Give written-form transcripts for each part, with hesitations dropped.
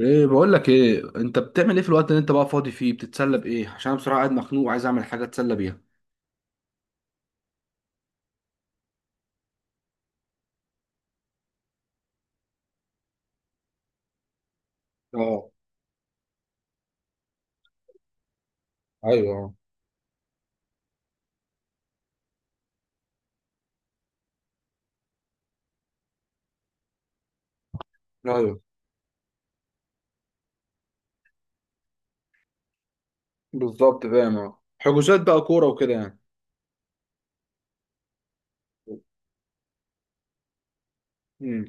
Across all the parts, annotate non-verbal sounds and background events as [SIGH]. ايه بقول لك ايه؟ انت بتعمل ايه في الوقت اللي انت بقى فاضي فيه؟ بتتسلى بايه؟ عشان انا بصراحه قاعد مخنوق وعايز اعمل حاجه اتسلى بيها. اه. ايوه ايوه. بالظبط فاهم، اه، حجوزات بقى كوره وكده يعني. امم.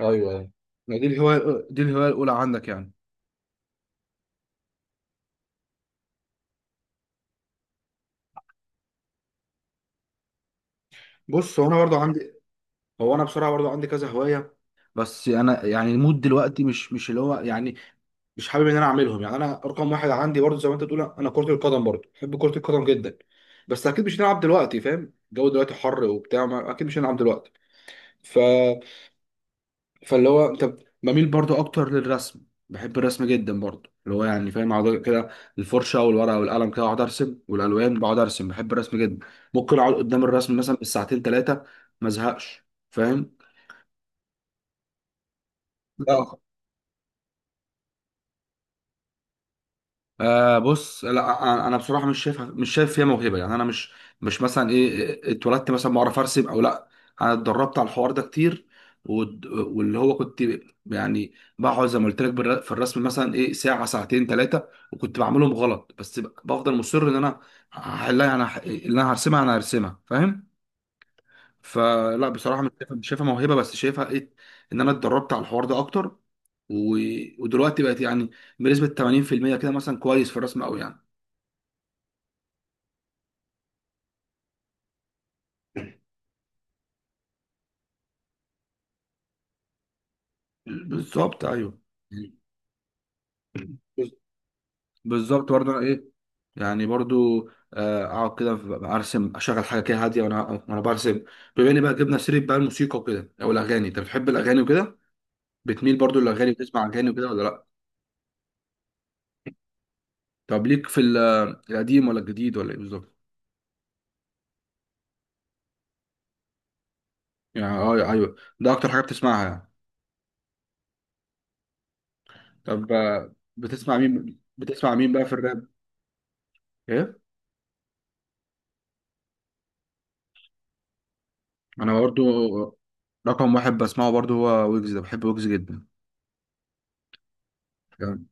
ايوه ايوه. ما دي الهوايه الاولى عندك يعني. بص، هو انا برضو عندي، هو انا بصراحه برضو عندي كذا هوايه. بس انا يعني المود دلوقتي مش اللي هو يعني، مش حابب ان انا اعملهم. يعني انا رقم واحد عندي برضه، زي ما انت بتقول، انا كرة القدم برضه بحب كرة القدم جدا. بس اكيد مش هنلعب دلوقتي، فاهم؟ الجو دلوقتي حر وبتاع، اكيد مش هنلعب دلوقتي. ف فاللي هو انت، بميل برضه اكتر للرسم، بحب الرسم جدا برضه، اللي هو يعني فاهم، اقعد كده الفرشة والورقة والقلم، كده اقعد ارسم والالوان، بقعد ارسم، بحب الرسم جدا. ممكن اقعد قدام الرسم مثلا بالساعتين ثلاثة، ما ازهقش، فاهم؟ لا. آه، بص، لا انا بصراحه مش شايف فيها موهبه، يعني انا مش، مش مثلا ايه، اتولدت مثلا بعرف ارسم او لا، انا اتدربت على الحوار ده كتير. واللي هو كنت يعني بقعد زي ما قلت لك في الرسم مثلا ايه ساعه ساعتين ثلاثه، وكنت بعملهم غلط، بس بفضل مصر ان انا هحلها، انا، اللي انا هرسمها، فاهم؟ فلا بصراحه مش شايفها موهبه، بس شايفها ايه؟ ان انا اتدربت على الحوار ده اكتر، ودلوقتي بقت يعني بنسبه 80% كده مثلا كويس في الرسم قوي يعني. بالظبط، ايوه. بالظبط برضه، انا ايه يعني برضو، آه، اقعد كده ارسم، اشغل حاجه كده هاديه، وانا، وانا برسم. بما اني بقى جبنا سيره بقى الموسيقى وكده، او الاغاني، انت بتحب الاغاني وكده؟ بتميل برضو للاغاني؟ بتسمع اغاني وكده ولا لا؟ طب ليك في القديم ولا الجديد ولا ايه بالظبط؟ يعني، اه، ايوه، أيوه. ده اكتر حاجه بتسمعها يعني. طب، آه، بتسمع مين بقى في الراب؟ ايه؟ انا برضو رقم واحد بسمعه برضو هو ويجز، ده بحب ويجز جدا يعني.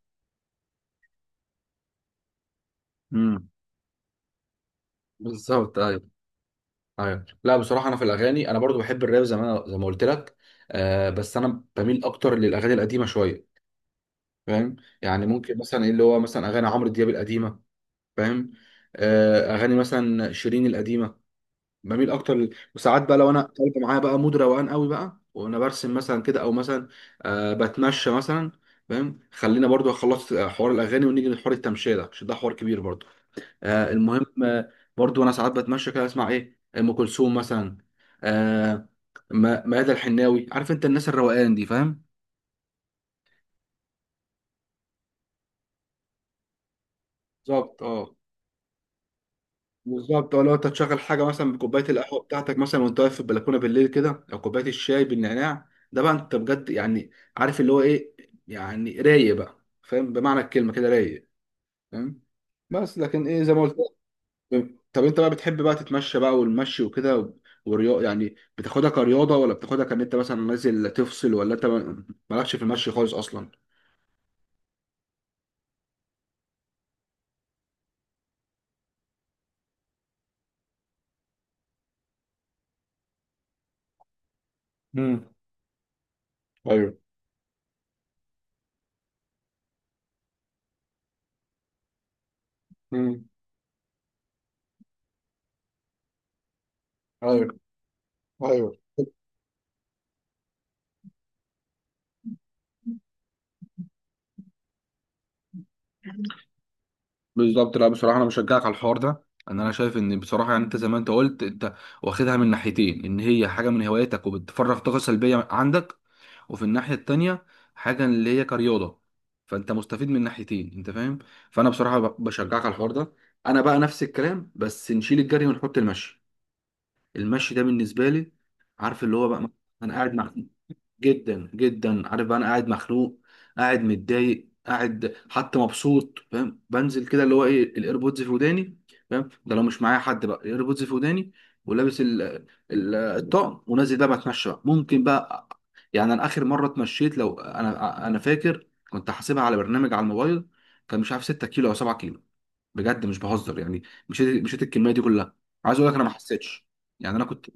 مم. بالظبط، ايوه. ايوه، لا بصراحه انا في الاغاني انا برضو بحب الراب زي ما قلت لك، آه، بس انا بميل اكتر للاغاني القديمه شويه، فاهم؟ يعني ممكن مثلا ايه، اللي هو مثلا اغاني عمرو دياب القديمه، فاهم؟ آه، اغاني مثلا شيرين القديمه، بميل اكتر ل... وساعات بقى لو انا طالب، معايا بقى مود روقان قوي بقى، وانا برسم مثلا كده، او مثلا، آه، بتمشى مثلا، فاهم؟ خلينا برضو خلصت حوار الاغاني ونيجي لحوار التمشيه ده، عشان ده حوار كبير برضو. آه، المهم، آه، برضو انا ساعات بتمشى كده، اسمع ايه، ام كلثوم مثلا، آه، ميادة الحناوي، عارف انت الناس الروقان دي، فاهم؟ بالظبط، اه. بالظبط، اه، لو انت تشغل حاجه مثلا بكوبايه القهوه بتاعتك مثلا، وانت واقف في البلكونه بالليل كده، او كوبايه الشاي بالنعناع ده، بقى انت بجد يعني عارف اللي هو ايه، يعني رايق بقى، فاهم، بمعنى الكلمه كده رايق، فاهم؟ بس لكن ايه، زي ما قلت. طب انت بقى بتحب بقى تتمشى بقى والمشي وكده والرياضة؟ يعني بتاخدها كرياضة، ولا بتاخدها كان انت مثلا نازل تفصل، ولا انت مالكش في المشي خالص اصلا؟ امم. ايوه. امم. ايوه ايوه. بالظبط، لا بصراحة أنا بشجعك على الحوار ده. أن أنا شايف إن بصراحة يعني أنت، زي ما أنت قلت، أنت واخدها من ناحيتين، إن هي حاجة من هواياتك وبتفرغ طاقة سلبية عندك، وفي الناحية التانية حاجة اللي هي كرياضة، فانت مستفيد من ناحيتين، انت فاهم؟ فانا بصراحة، بشجعك على الحوار ده. انا بقى نفس الكلام، بس نشيل الجري ونحط المشي. المشي ده بالنسبة لي، عارف اللي هو بقى، انا قاعد مع، جدا جدا، عارف بقى انا قاعد مخنوق، قاعد متضايق، قاعد حتى مبسوط، فاهم، بنزل كده اللي هو ايه، الايربودز في وداني، فاهم؟ ده لو مش معايا حد بقى، الايربودز في وداني، ولابس ال ال الطقم، ونازل بقى بتمشى بقى. ممكن بقى، يعني انا اخر مره اتمشيت، لو انا فاكر كنت حاسبها على برنامج على الموبايل، كان مش عارف 6 كيلو او 7 كيلو، بجد مش بهزر يعني، مشيت الكميه دي كلها. عايز اقول لك انا ما حسيتش، يعني انا كنت،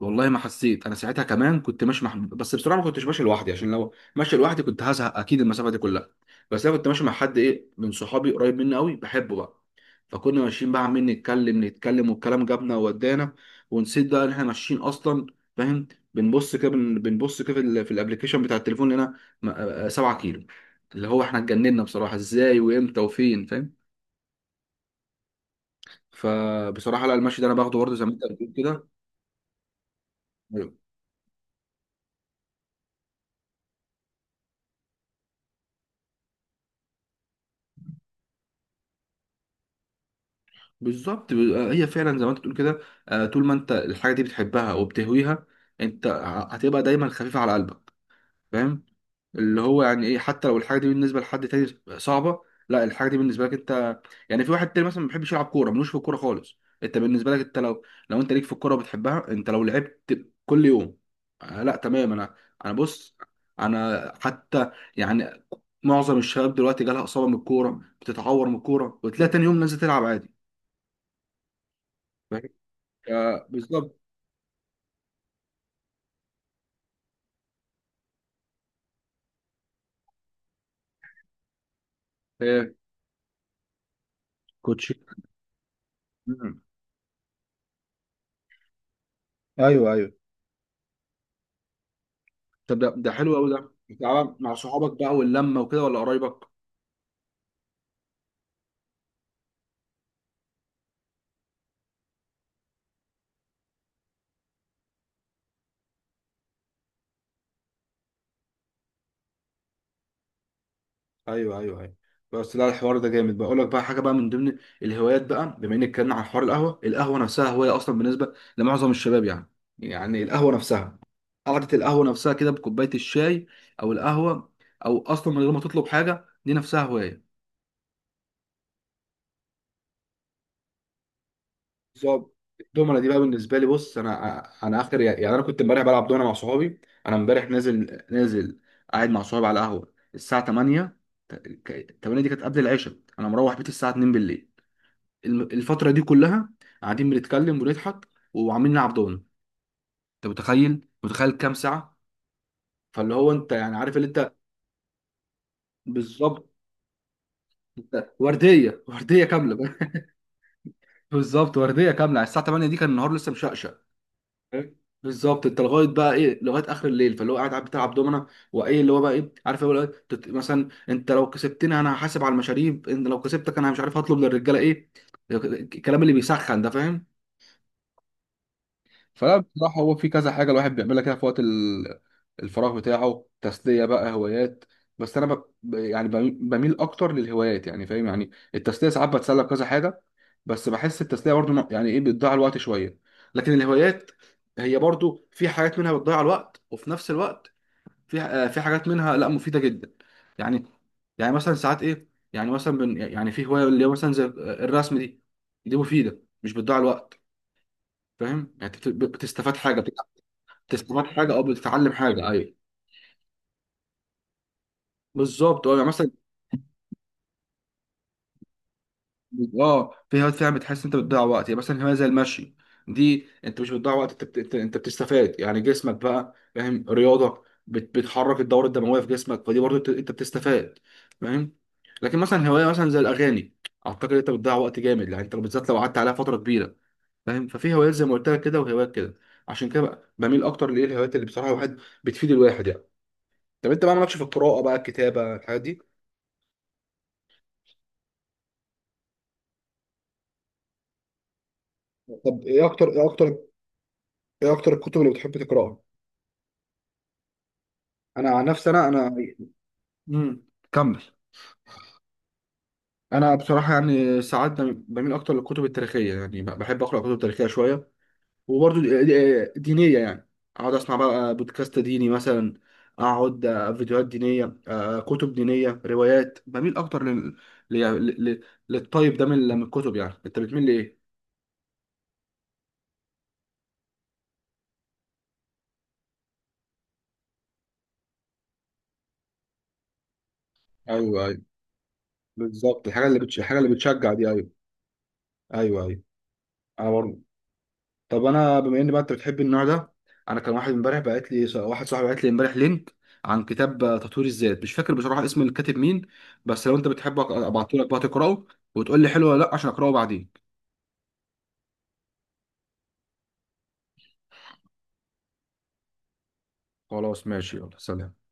والله ما حسيت انا، ساعتها كمان كنت ماشي مع، بس بصراحه ما كنتش ماشي لوحدي، عشان لو ماشي لوحدي كنت هزهق اكيد المسافه دي كلها. بس انا كنت ماشي مع حد ايه، من صحابي قريب مني قوي، بحبه بقى، فكنا ماشيين بقى عمالين نتكلم نتكلم، والكلام جابنا وودانا، ونسيت بقى ان احنا ماشيين اصلا، فاهم؟ بنبص كده، بنبص كده في في الابليكيشن بتاع التليفون، لقينا آه، 7 كيلو، اللي هو احنا اتجننا بصراحه، ازاي وامتى وفين، فاهم؟ فبصراحه لا، المشي ده انا باخده برضه زي ما انت بتقول كده. بالظبط، آه، هي فعلا زي ما انت بتقول كده. آه، طول ما انت الحاجه دي بتحبها وبتهويها، انت، هتبقى دايما خفيفه على قلبك، فاهم؟ اللي هو يعني ايه، حتى لو الحاجه دي بالنسبه لحد تاني صعبه، لا، الحاجه دي بالنسبه لك انت، يعني في واحد تاني مثلا ما بيحبش يلعب كوره، ملوش في الكوره خالص، انت بالنسبه لك انت لو، لو انت ليك في الكوره وبتحبها، انت لو لعبت كل يوم، آه، لا تمام. انا، انا بص، انا حتى يعني، معظم الشباب دلوقتي جالها اصابه من الكوره، بتتعور من الكوره وتلاقي تاني يوم نازل تلعب عادي. آه، بالظبط. هي كوتشي. مم. ايوه ايوه. طب ده حلو قوي، ده بتلعبها مع صحابك بقى واللمه وكده، ولا قرايبك؟ ايوه ايوه ايوه. بس لا، الحوار ده جامد، بقول لك بقى حاجه بقى من ضمن الهوايات بقى، بما انك اتكلمنا عن حوار القهوه، القهوه نفسها هوايه اصلا بالنسبه لمعظم الشباب يعني. يعني القهوه نفسها، قعده القهوه نفسها كده بكوبايه الشاي او القهوه، او اصلا من غير ما تطلب حاجه، دي نفسها هوايه. بالظبط، الدومنه دي بقى بالنسبه لي، بص انا اخر، يعني انا كنت امبارح بلعب دومنه مع صحابي. انا امبارح نازل نازل، قاعد مع صحابي على القهوه الساعه 8، 8 دي كانت قبل العشاء، انا مروح بيتي الساعه 2 بالليل، الفتره دي كلها قاعدين بنتكلم ونضحك، وعاملين نلعب دومنه. انت متخيل؟ متخيل كام ساعه؟ فاللي هو انت يعني عارف اللي انت، بالظبط. انت ورديه، ورديه كامله. [LAUGHS] بالظبط، ورديه كامله، على الساعه 8 دي كان النهار لسه مشقشق. بالظبط، انت لغايه بقى ايه، لغايه اخر الليل، فاللي هو قاعد بتلعب دومنا، وايه اللي هو بقى ايه، عارف اللي هو ايه، مثلا انت لو كسبتني انا هحاسب على المشاريب، انت لو كسبتك انا مش عارف هطلب للرجاله ايه، الكلام اللي بيسخن ده، فاهم؟ فلا بصراحة، هو في كذا حاجة الواحد بيعملها كده في وقت الفراغ بتاعه، تسلية بقى، هوايات. بس أنا يعني بميل أكتر للهوايات، يعني فاهم، يعني التسلية ساعات بتسلى بكذا حاجة، بس بحس التسلية برضو يعني إيه، بتضيع الوقت شوية، لكن الهوايات هي برضو، في حاجات منها بتضيع الوقت، وفي نفس الوقت في، آه، في حاجات منها لا، مفيدة جدا يعني. يعني مثلا ساعات إيه، يعني مثلا يعني في هواية اللي هو مثلا زي الرسم دي، دي مفيدة، مش بتضيع الوقت، فاهم؟ يعني بتستفاد حاجة، تستفاد حاجه او بتتعلم حاجه، ايوه. بالظبط، اه، يعني مثلا، اه، في هوايات فعلا بتحس انت بتضيع وقت، يعني مثلا هوايه زي المشي دي، انت مش بتضيع وقت، انت أنت بتستفاد، يعني جسمك بقى فاهم رياضه، بتحرك الدوره الدمويه في جسمك، فدي برضه أنت بتستفاد، فاهم؟ لكن مثلا هوايه مثلا زي الاغاني، اعتقد انت بتضيع وقت جامد، يعني انت بالذات لو قعدت عليها فتره كبيره، فاهم؟ ففي هوايات زي ما قلت لك كده وهوايات كده، عشان كده بقى بميل اكتر لايه، الهوايات اللي بصراحه الواحد، بتفيد الواحد يعني. طب انت بقى مالكش في القراءه بقى، الكتابه، الحاجات دي؟ طب ايه اكتر، ايه اكتر الكتب اللي بتحب تقراها؟ انا عن نفسي، انا امم، كمل. انا بصراحه يعني ساعات بميل اكتر للكتب التاريخيه، يعني بحب اقرا كتب تاريخيه شويه، وبرضو دينيه يعني، اقعد اسمع بقى بودكاست ديني مثلا، اقعد، آه، فيديوهات دينيه، آه، كتب دينيه، روايات، بميل اكتر لل... ل... ل... للطيب ده، من الكتب. يعني انت بتميل لايه؟ ايوه ايوه. بالظبط، الحاجه اللي الحاجه اللي بتشجع دي، ايوه. ايوه ايوه. انا برضو، طب انا بما ان بقى انت بتحب النوع ده، انا كان واحد امبارح بعت لي، واحد صاحبي بعت لي امبارح لينك عن كتاب تطوير الذات، مش فاكر بصراحه اسم الكاتب مين، بس لو انت بتحبه ابعته لك بقى تقراه، وتقول لي حلو ولا لا، عشان اقراه بعدين. خلاص، ماشي، يلا، سلام.